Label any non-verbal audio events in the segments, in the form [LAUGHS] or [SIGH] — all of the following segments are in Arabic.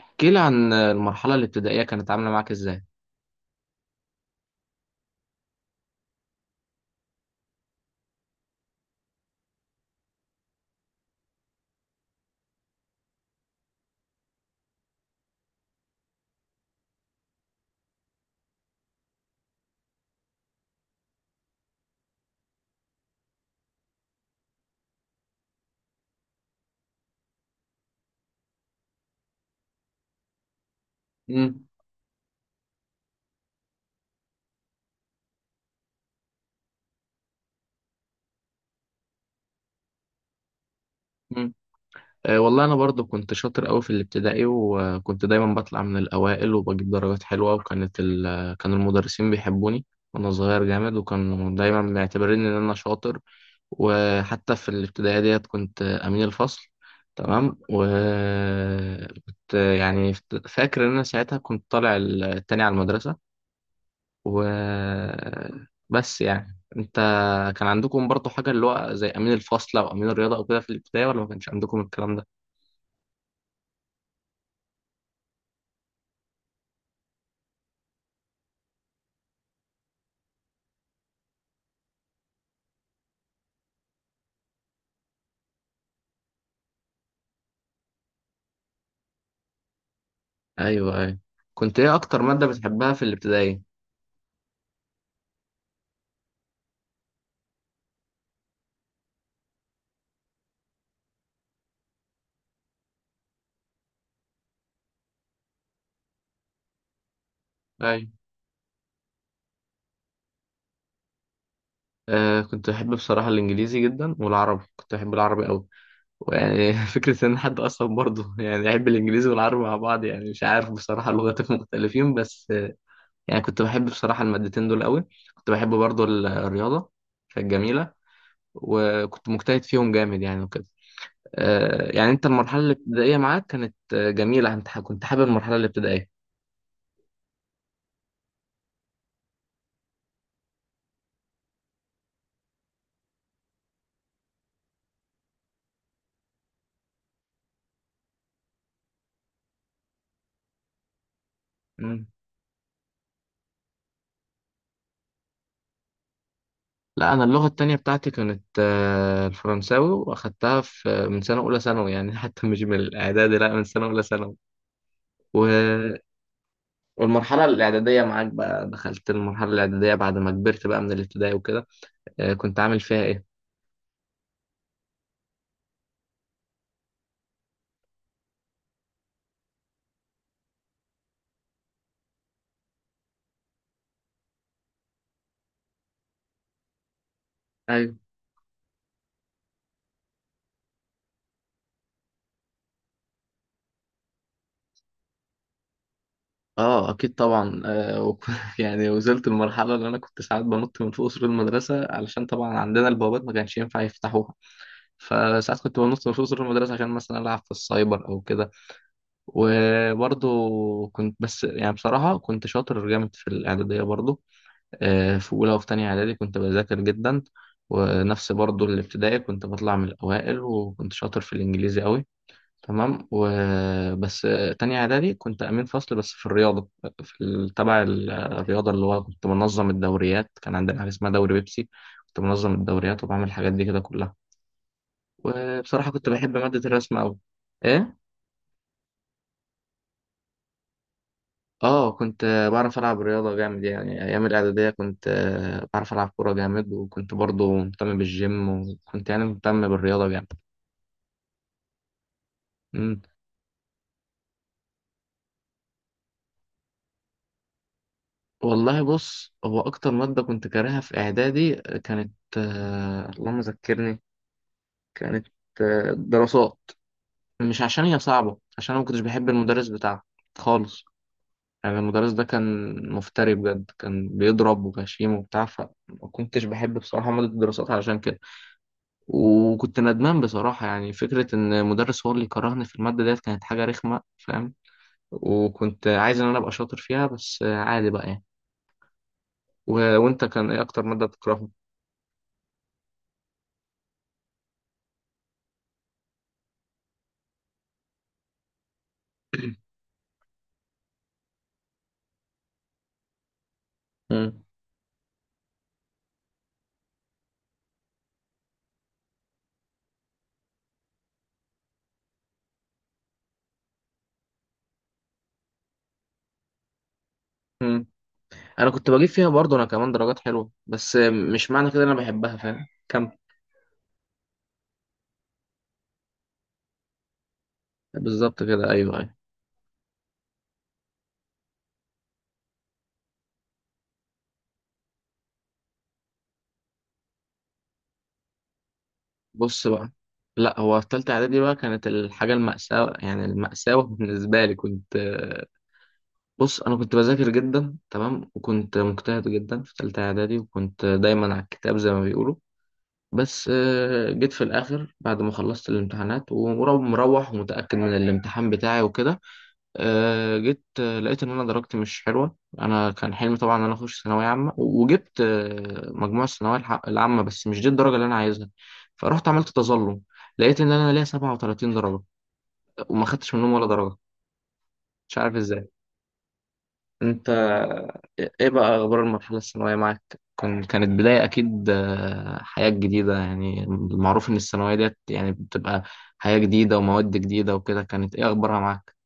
احكي لي عن المرحلة الابتدائية كانت عاملة معاك ازاي؟ امم، امم. أه والله انا برضو كنت شاطر قوي في الابتدائي، وكنت دايما بطلع من الاوائل وبجيب درجات حلوة. وكانت كان المدرسين بيحبوني وانا صغير جامد، وكانوا دايما معتبرين ان انا شاطر. وحتى في الابتدائية ديت كنت امين الفصل. تمام. و كنت يعني فاكر ان انا ساعتها كنت طالع التاني على المدرسة. وبس، يعني انت كان عندكم برضو حاجة اللي هو زي أمين الفصل أو أمين الرياضة أو كده في الابتدائي، ولا ما كانش عندكم الكلام ده؟ أيوه، أيوه. كنت إيه أكتر مادة بتحبها في الابتدائي؟ أيوه. آه، كنت بحب بصراحة الإنجليزي جدا، والعربي كنت بحب العربي أوي. ويعني [LAUGHS] فكرة إن حد أصلا برضه يعني يحب الإنجليزي والعربي مع بعض، يعني مش عارف بصراحة، لغتين مختلفين. بس يعني كنت بحب بصراحة المادتين دول أوي. كنت بحب برضه الرياضة، كانت جميلة. وكنت مجتهد فيهم جامد يعني وكده. يعني انت المرحله الابتدائيه معاك كانت جميله. انت كنت حابب المرحله الابتدائيه؟ مم. لا، انا اللغه التانية بتاعتي كانت الفرنساوي، واخدتها في من سنه اولى ثانوي، يعني [LAUGHS] حتى مش من الاعدادي، لا، من سنه اولى ثانوي. و- والمرحله الاعداديه معاك بقى، دخلت المرحله الاعداديه بعد ما كبرت بقى من الابتدائي وكده، كنت عامل فيها ايه؟ ايوه. اه اكيد طبعا. [LAUGHS] يعني وصلت المرحله اللي انا كنت ساعات بنط من فوق سور المدرسه، علشان طبعا عندنا البوابات ما كانش ينفع يفتحوها. فساعات كنت بنط من فوق سور المدرسة عشان مثلا ألعب في السايبر أو كده. وبرضه كنت، بس يعني بصراحة كنت شاطر جامد في الإعدادية برضه. في أولى وفي تانية إعدادي كنت بذاكر جدا، ونفس برضه الابتدائي كنت بطلع من الأوائل، وكنت شاطر في الإنجليزي أوي. تمام. وبس تانية إعدادي كنت أمين فصل بس في الرياضة. في تبع الرياضة، اللي هو كنت منظم الدوريات. كان عندنا حاجة اسمها دوري بيبسي، كنت منظم الدوريات وبعمل الحاجات دي كده كلها. وبصراحة كنت بحب مادة الرسم أوي. إيه؟ آه كنت بعرف ألعب رياضة جامد، يعني أيام الإعدادية كنت بعرف ألعب كورة جامد، وكنت برضو مهتم بالجيم، وكنت يعني مهتم بالرياضة جامد. مم. والله بص، هو أكتر مادة كنت كارهها في إعدادي كانت، اللهم ذكرني، كانت دراسات. مش عشان هي صعبة، عشان أنا ما كنتش بحب المدرس بتاعها خالص. يعني المدرس ده كان مفتري بجد، كان بيضرب وغشيم وبتاع، فما كنتش بحب بصراحة مادة الدراسات علشان كده. وكنت ندمان بصراحة، يعني فكرة إن المدرس هو اللي كرهني في المادة ديت كانت حاجة رخمة، فاهم. وكنت عايز إن أنا أبقى شاطر فيها، بس عادي بقى يعني. و... وأنت كان إيه أكتر مادة بتكرهها؟ مم. مم. أنا كنت بجيب فيها برضه أنا كمان درجات حلوة، بس مش معنى كده إن أنا بحبها، فاهم كم. بالظبط كده، أيوه أيوه. بص بقى، لا هو في تالتة إعدادي بقى كانت الحاجة المأساة، يعني المأساة بالنسبة لي كنت، بص أنا كنت بذاكر جدا، تمام، وكنت مجتهد جدا في تالتة إعدادي، وكنت دايما على الكتاب زي ما بيقولوا. بس جيت في الآخر بعد ما خلصت الامتحانات ومروح مروح ومتأكد من الامتحان بتاعي وكده، جيت لقيت ان انا درجتي مش حلوه. انا كان حلمي طبعا ان انا اخش ثانويه عامه، وجبت مجموع الثانويه العامه، بس مش دي الدرجه اللي انا عايزها. فرحت عملت تظلم، لقيت ان انا ليا 37 درجه، وما خدتش منهم ولا درجه. مش عارف ازاي. انت ايه بقى اخبار المرحله الثانويه معاك؟ كان كانت بدايه اكيد حياه جديده، يعني المعروف ان الثانويه ديت يعني بتبقى حياه جديده ومواد جديده وكده. كانت ايه اخبارها معاك؟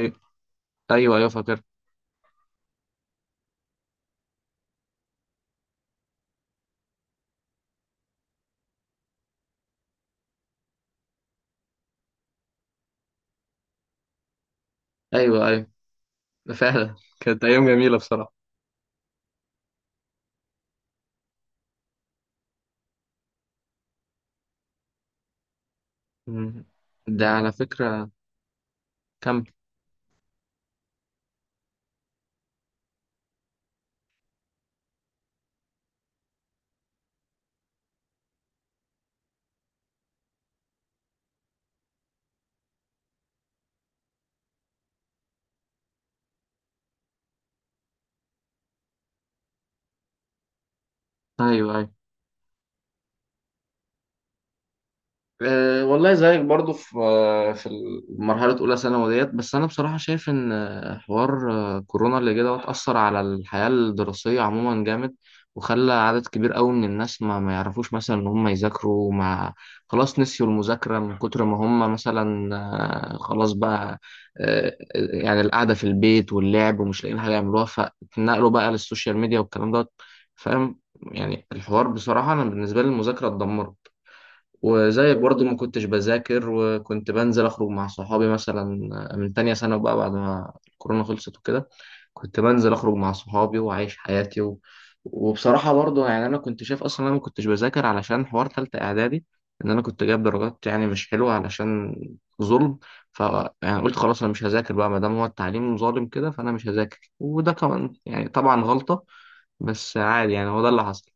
أي- ايوه ايوه فاكر. ايوه ايوه، فعلا كانت أيام جميلة بصراحة. مم. ده على فكرة كمل. أيوه أيوه. أه والله زيك برضو في مرحلة أولى ثانوي ديت. بس أنا بصراحة شايف إن حوار كورونا اللي جه دوت أثر على الحياة الدراسية عموما جامد، وخلى عدد كبير قوي من الناس ما يعرفوش مثلا إن هم يذاكروا. ما، خلاص، نسيوا المذاكرة من كتر ما هم مثلا خلاص بقى، يعني القعدة في البيت واللعب، ومش لاقيين حاجة يعملوها، فاتنقلوا بقى للسوشيال ميديا والكلام دوت، فاهم. يعني الحوار بصراحة أنا بالنسبة لي المذاكرة اتدمرت. وزيك برضو ما كنتش بذاكر، وكنت بنزل أخرج مع صحابي مثلا من تانية سنة بقى بعد ما الكورونا خلصت وكده. كنت بنزل أخرج مع صحابي وعايش حياتي. وبصراحة برضو يعني أنا كنت شايف أصلا أنا ما كنتش بذاكر علشان حوار تالتة إعدادي، إن أنا كنت جايب درجات يعني مش حلوة علشان ظلم. ف يعني قلت خلاص أنا مش هذاكر بقى، ما دام هو التعليم ظالم كده فأنا مش هذاكر. وده كمان يعني طبعا غلطة، بس عادي يعني، هو ده اللي حصل.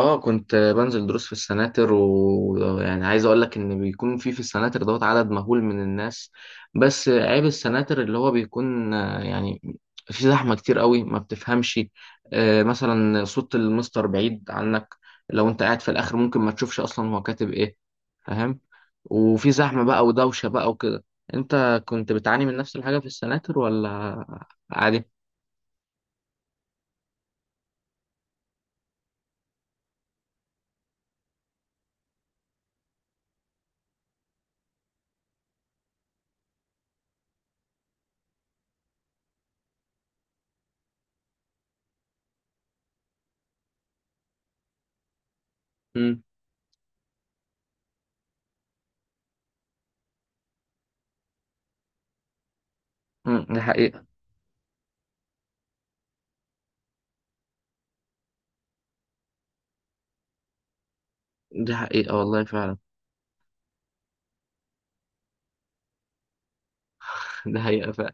اه كنت بنزل دروس في السناتر، ويعني عايز اقول لك ان بيكون في السناتر دوت عدد مهول من الناس، بس عيب السناتر اللي هو بيكون يعني في زحمة كتير قوي ما بتفهمش. مثلا صوت المستر بعيد عنك، لو انت قاعد في الاخر ممكن ما تشوفش اصلا هو كاتب ايه، فاهم. وفي زحمة بقى ودوشة بقى وكده. انت كنت بتعاني من نفس الحاجة في السناتر ولا عادي؟ مم. مم، دي حقيقة. دي حقيقة والله فعلا. [LAUGHS] دي حقيقة.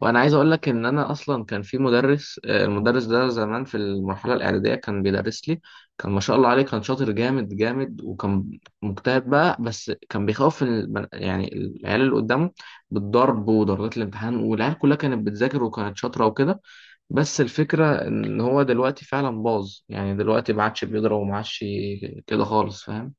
وانا عايز اقول لك ان انا اصلا كان في مدرس، المدرس ده زمان في المرحله الاعداديه كان بيدرس لي، كان ما شاء الله عليه، كان شاطر جامد جامد وكان مجتهد بقى، بس كان بيخوف يعني العيال اللي قدامه بالضرب وضربات الامتحان، والعيال كلها كانت بتذاكر وكانت شاطره وكده. بس الفكره ان هو دلوقتي فعلا باظ، يعني دلوقتي ما عادش بيضرب وما عادش كده خالص، فاهم.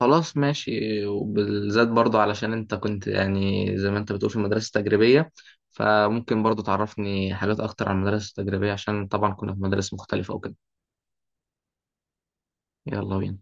خلاص ماشي. وبالذات برضه علشان انت كنت يعني زي ما انت بتقول في مدرسة تجريبية، فممكن برضه تعرفني حاجات اكتر عن المدرسة التجريبية، عشان طبعا كنا في مدارس مختلفة وكده. يلا بينا.